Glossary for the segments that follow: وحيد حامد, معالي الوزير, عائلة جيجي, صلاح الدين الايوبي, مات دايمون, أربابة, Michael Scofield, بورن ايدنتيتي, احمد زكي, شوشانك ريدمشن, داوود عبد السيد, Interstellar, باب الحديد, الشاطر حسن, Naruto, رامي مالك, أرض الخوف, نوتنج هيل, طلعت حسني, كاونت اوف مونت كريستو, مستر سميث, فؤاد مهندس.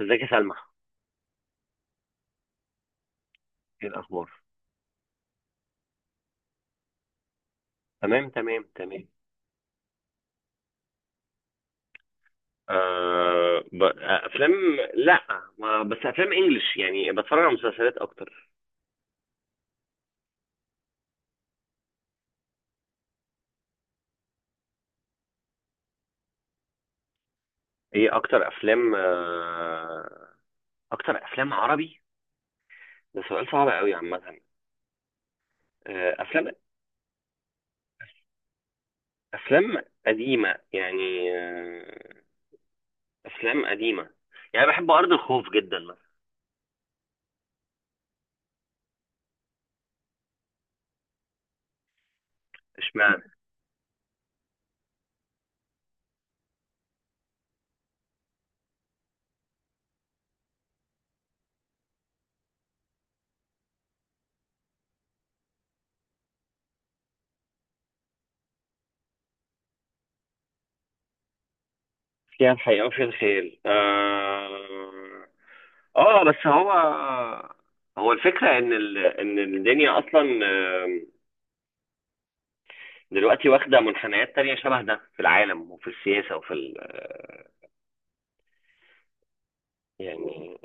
ازيك يا سلمى؟ ايه الاخبار؟ تمام، تمام، تمام. آه ب... آه، افلام. لا، ما... بس افلام انجلش، يعني بتفرج على مسلسلات اكتر. ايه اكتر افلام؟ اكتر افلام عربي. ده سؤال صعب قوي عامه. افلام، افلام قديمه يعني. افلام قديمه، يعني بحب ارض الخوف جدا مثلا. اشمعنى؟ فيها الحقيقه وفيها الخيال. اه، بس هو الفكرة ان الدنيا اصلا، آم، دلوقتي واخدة منحنيات تانية شبه ده، في العالم وفي السياسة وفي ال... آه، يعني.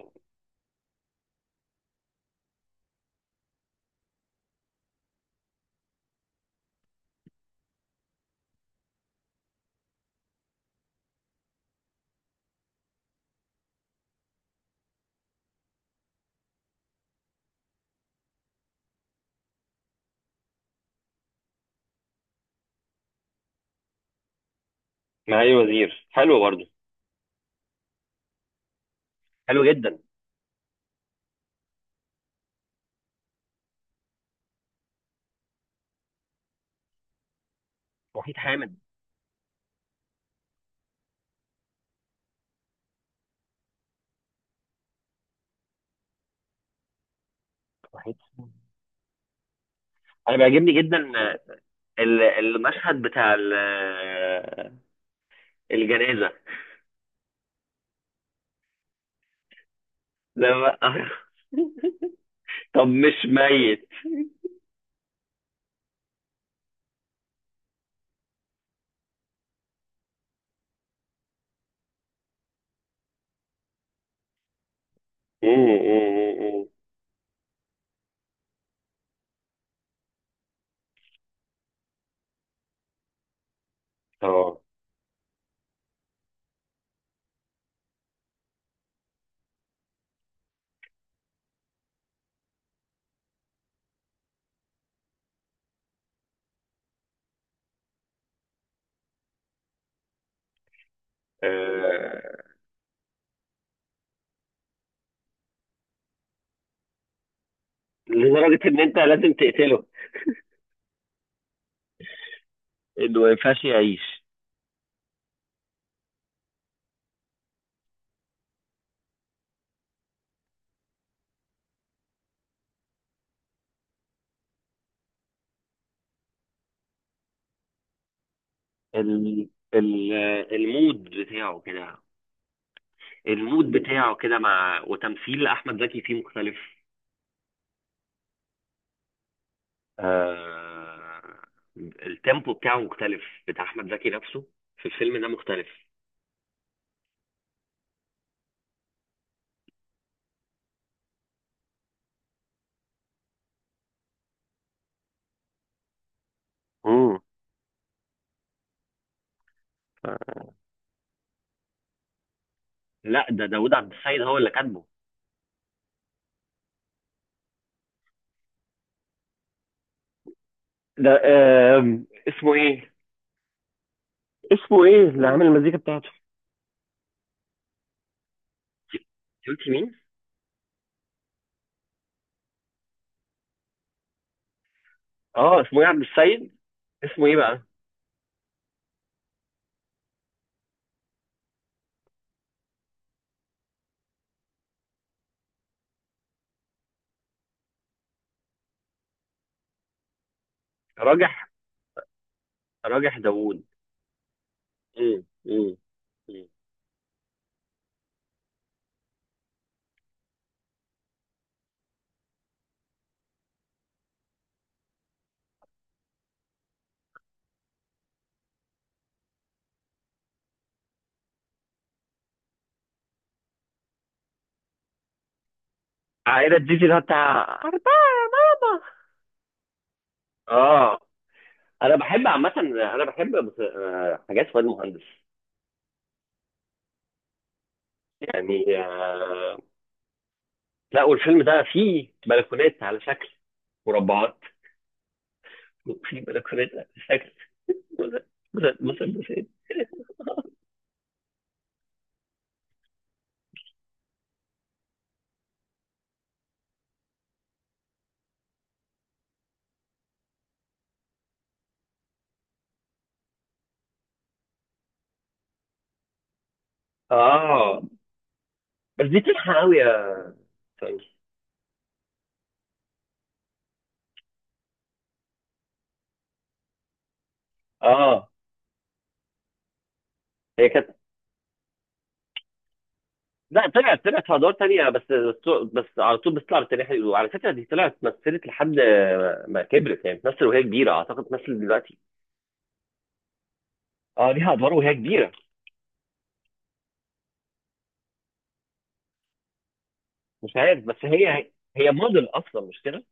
معالي الوزير حلو برضه. حلو جدا. وحيد حامد. وحيد حامد. انا بيعجبني جدا، المشهد بتاع الجنازة. لما طب مش ميت؟ مم، مم، مم، مم. اه، آه، لدرجة ان انت لازم تقتله. انه ما ينفعش يعيش. ال... ال... المود بتاعه كده. المود بتاعه كده، مع وتمثيل احمد زكي فيه مختلف. آه... التيمبو بتاعه مختلف. بتاع احمد زكي نفسه في الفيلم ده مختلف. امم. لا، ده داوود عبد السيد هو اللي كاتبه. ده اسمه ايه؟ اسمه ايه اللي عامل المزيكا بتاعته؟ قلت مين؟ اه، اسمه ايه؟ عبد السيد، اسمه ايه بقى؟ راجح. راجح داوود. مم، مم، مم. عائلة جيجي، اللي هو بتاع أربابة. اه، انا بحب عامة، انا بحب حاجات فؤاد مهندس. يعني لا، والفيلم ده فيه بلكونات على شكل مربعات، وفيه بلكونات على شكل مثلثات. اه، بس دي تلحق قوي يا فندم. اه هي كانت، لا، طلعت، طلعت في ادوار تانية، بس، بس على طول بتطلع بالتاريخ. وعلى فكرة دي طلعت مثلت لحد ما كبرت، يعني بتمثل وهي كبيرة، اعتقد بتمثل دلوقتي. اه، ليها ادوار وهي كبيرة. مش عارف، بس هي، هي موديل اصلا مش كده؟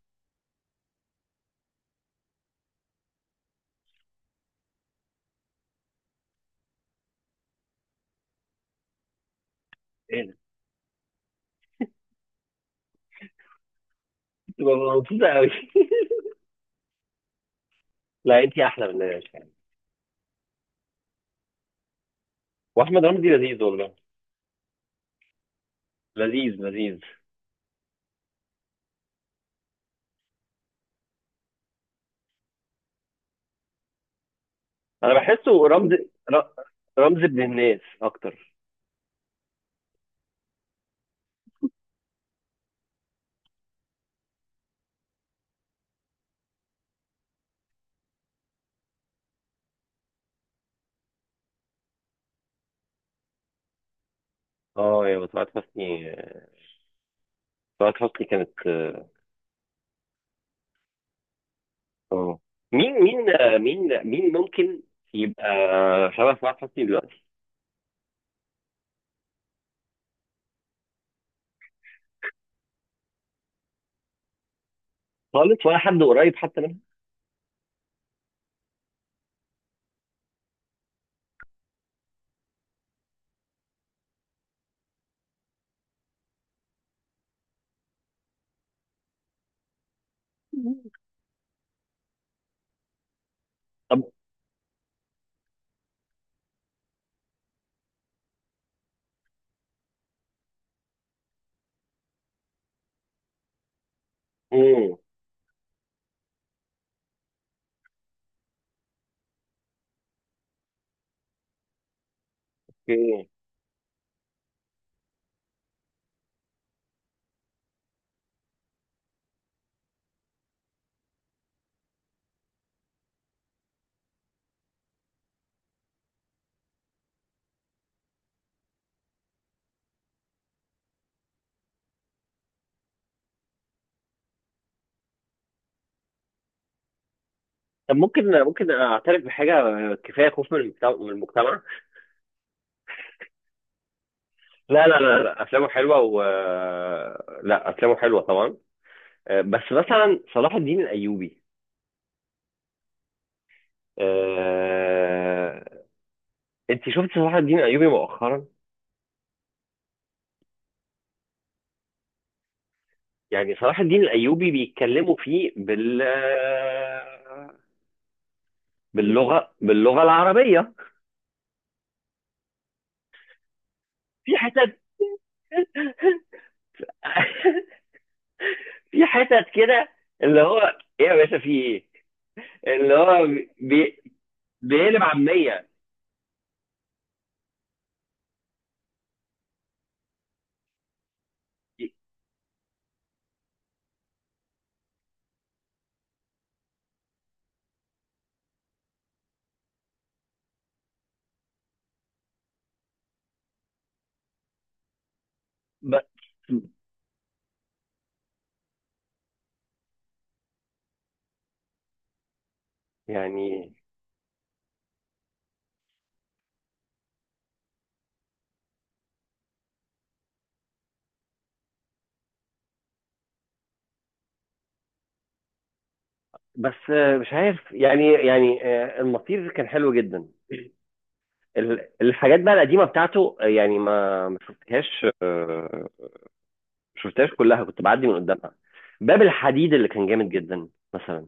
ايه ده؟ تبقى مبسوطه قوي؟ لا، انت احلى من ده. يعني، واحمد رمزي لذيذ والله. لذيذ لذيذ. انا بحسه رمز، ر- رمز ابن الناس اكتر. اه يا طلعت حسني، طلعت حسني كانت. اه، مين مين آه، مين مين ممكن يبقى شبه طلعت حسني دلوقتي؟ خالص، ولا حد قريب حتى منها؟ طب. مم. اوكي. طب، ممكن اعترف بحاجه؟ كفايه خوف من المجتمع، من المجتمع. لا لا لا لا، افلامه حلوه، و لا افلامه حلوه طبعا. بس مثلا صلاح الدين الايوبي. آه، انت شفت صلاح الدين الايوبي مؤخرا؟ يعني صلاح الدين الايوبي بيتكلموا فيه باللغه، باللغه العربيه. في حتت في حتت كده، اللي هو ايه يا باشا، في ايه، اللي هو بي... بيقلب عاميه. ب... يعني، بس مش عارف، يعني، يعني المطير كان حلو جدا. الحاجات بقى القديمه بتاعته، يعني ما شفتهاش، ما شفتهاش كلها، كنت بعدي من قدامها. باب الحديد اللي كان جامد جدا مثلا.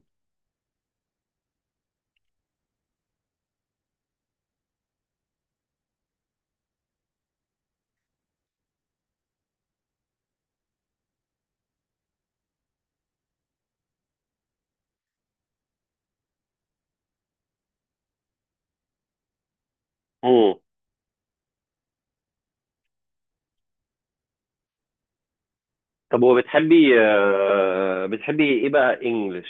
امم. طب، وبتحبي بتحبي ايه بقى انجلش؟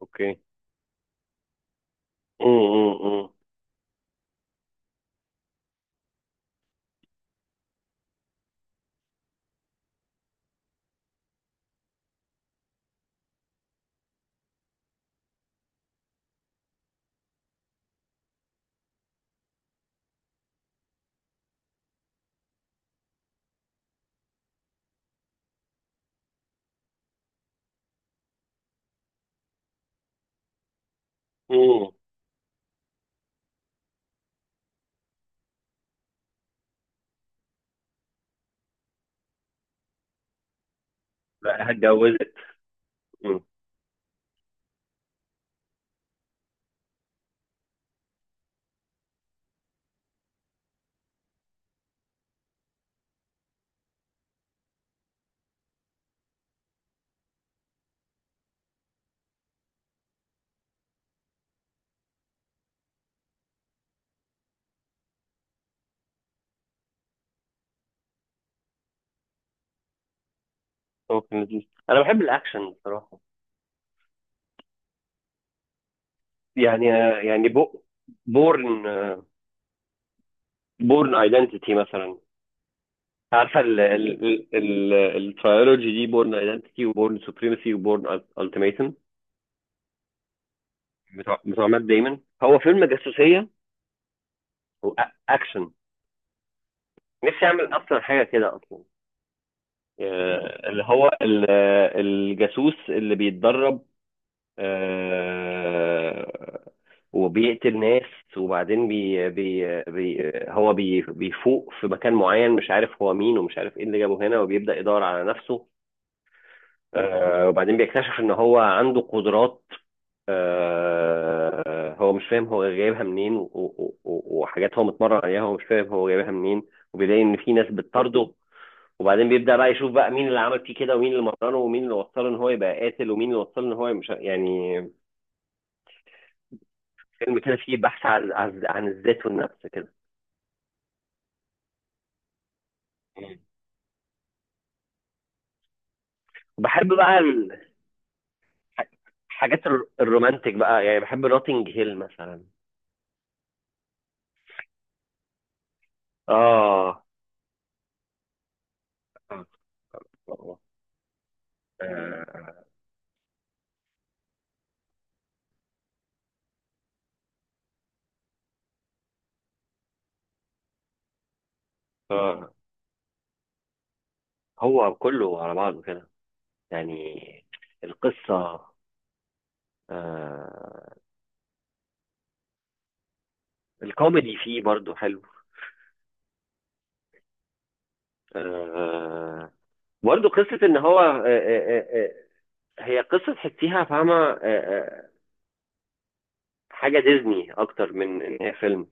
اوكي. امم، امم. بقى اتجوزت. امم. اوكي لذيذ. انا بحب الاكشن بصراحه. يعني يعني بورن، بورن ايدنتيتي مثلا. عارفه ال الترايولوجي دي، بورن ايدنتيتي وبورن سوبريمسي وبورن التيميتم؟ بتوع مات دايمون. هو فيلم جاسوسيه واكشن. نفسي اعمل اصلا حاجه كده اصلا. اللي هو الجاسوس اللي بيتدرب، آه، وبيقتل ناس. وبعدين بي بي بي هو بيفوق في مكان معين، مش عارف هو مين، ومش عارف ايه اللي جابه هنا، وبيبدأ يدور على نفسه. وبعدين بيكتشف ان هو عنده قدرات. هو مش فاهم هو جايبها منين، وحاجات هو متمرن عليها، هو مش فاهم هو جايبها منين. وبيلاقي ان في ناس بتطارده. وبعدين بيبدأ بقى يشوف بقى مين اللي عمل فيه كده، ومين اللي مرنه، ومين اللي وصله ان هو يبقى قاتل، ومين اللي وصله ان هو مش، يعني. فيلم كده فيه بحث عن عن الذات والنفس كده. وبحب بقى الحاجات الرومانتك بقى، يعني بحب نوتنج هيل مثلا. اه. آه. آه. هو كله على بعضه كده يعني. القصة، آه. الكوميدي فيه برضو حلو. آه، برضو قصة ان هو هي قصة تحسيها فاهمة. حاجة ديزني اكتر من ان هي فيلم.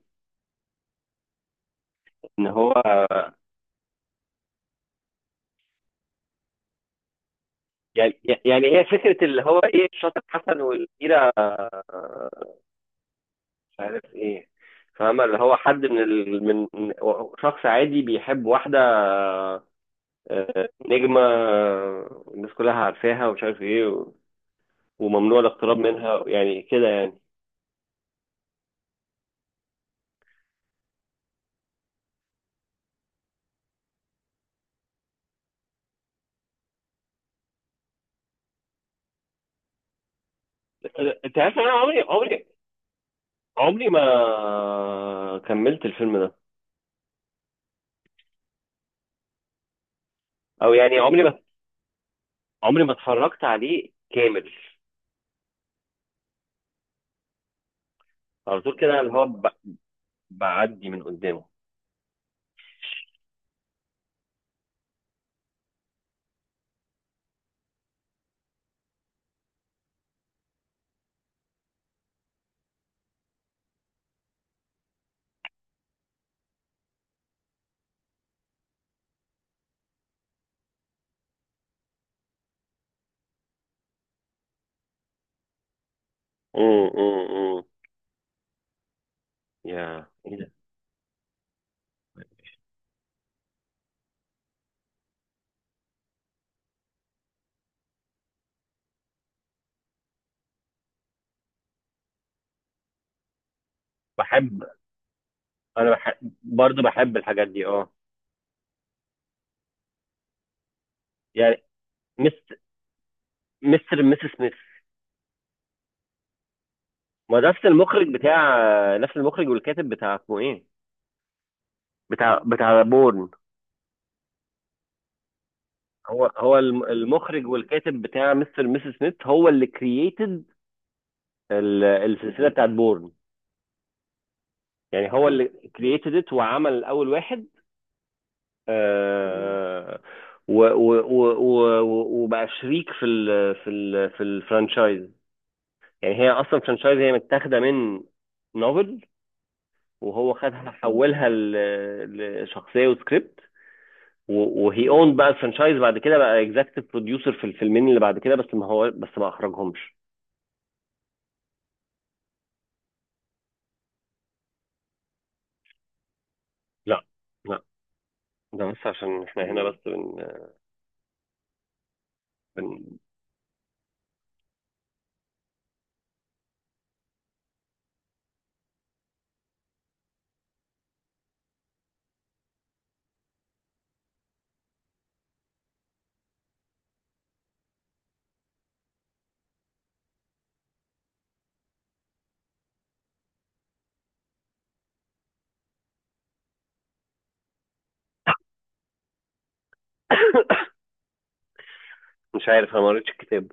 ان هو يعني يعني هي فكرة، اللي هو ايه، الشاطر حسن والكبيرة، مش عارف ايه، فاهمة، اللي هو حد من شخص عادي بيحب واحدة نجمة، الناس كلها عارفاها، ومش عارف ايه، و- وممنوع الاقتراب منها، يعني كده يعني. انت عارف إن انا عمري ما كملت الفيلم ده؟ او يعني عمري ما اتفرجت عليه كامل. على طول كده، اللي هو بعدي من قدامه. امم، امم، امم. يا، ايه ده. بحب انا بحب برضه، الحاجات دي، اه. يعني مستر مستر مستر سميث. ما ده نفس المخرج بتاع، نفس المخرج والكاتب بتاع، اسمه ايه، بتاع بورن. هو، المخرج والكاتب بتاع مستر ميسي سميث، هو اللي كرييتد السلسله بتاعت بورن. يعني هو اللي كرييتد ات، وعمل اول واحد. آه. وبقى شريك في الفرانشايز. يعني هي اصلا فرانشايز، هي متاخده من نوفل، وهو خدها، حولها لشخصيه وسكريبت. وهي اون بقى الفرنشايز بعد كده، بقى اكزكتيف بروديوسر في الفيلمين اللي بعد كده، بس ما اخرجهمش. لا، لا، ده بس عشان احنا هنا، بس بن... مش عارف، انا ما قريتش الكتاب.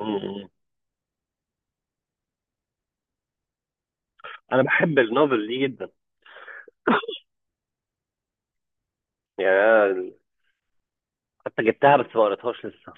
مم. انا بحب النوفل دي جدا. يعني حتى جبتها، بس ما قريتهاش لسه.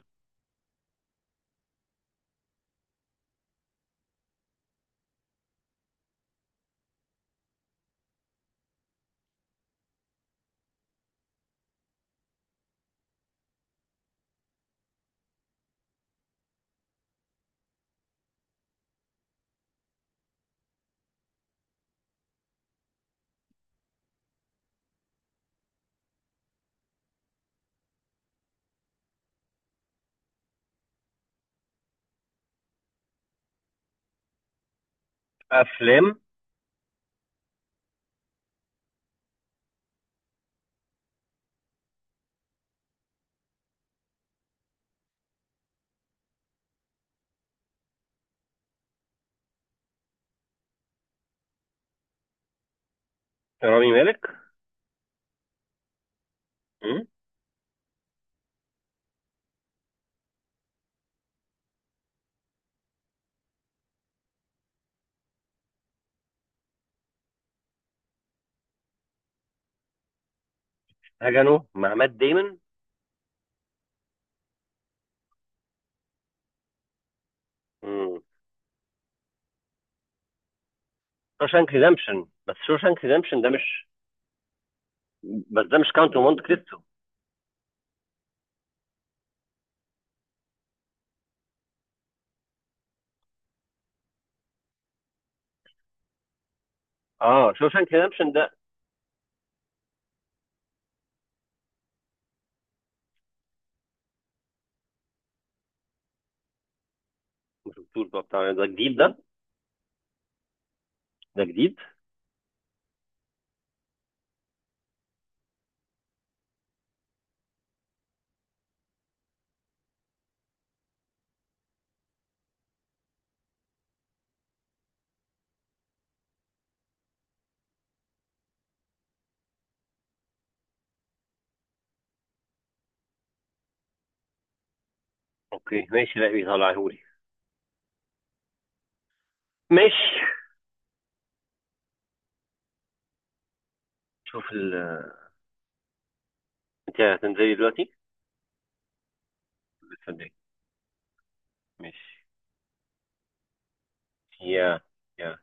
افلام رامي مالك. مم. هجنو مع مات ديمون؟ شوشانك ريدمشن، بس شوشانك ريدمشن ده مش، بس ده مش كاونت اوف مونت كريستو. اه، شوشانك ريدمشن ده. ما شفتوش بقى بتاع ده جديد؟ ده جديد. اوكي ماشي، لا بيطلعهولي. ماشي. شوف ال آه، انت هتنزلي دلوقتي؟ صدقني. ماشي. يا. يا.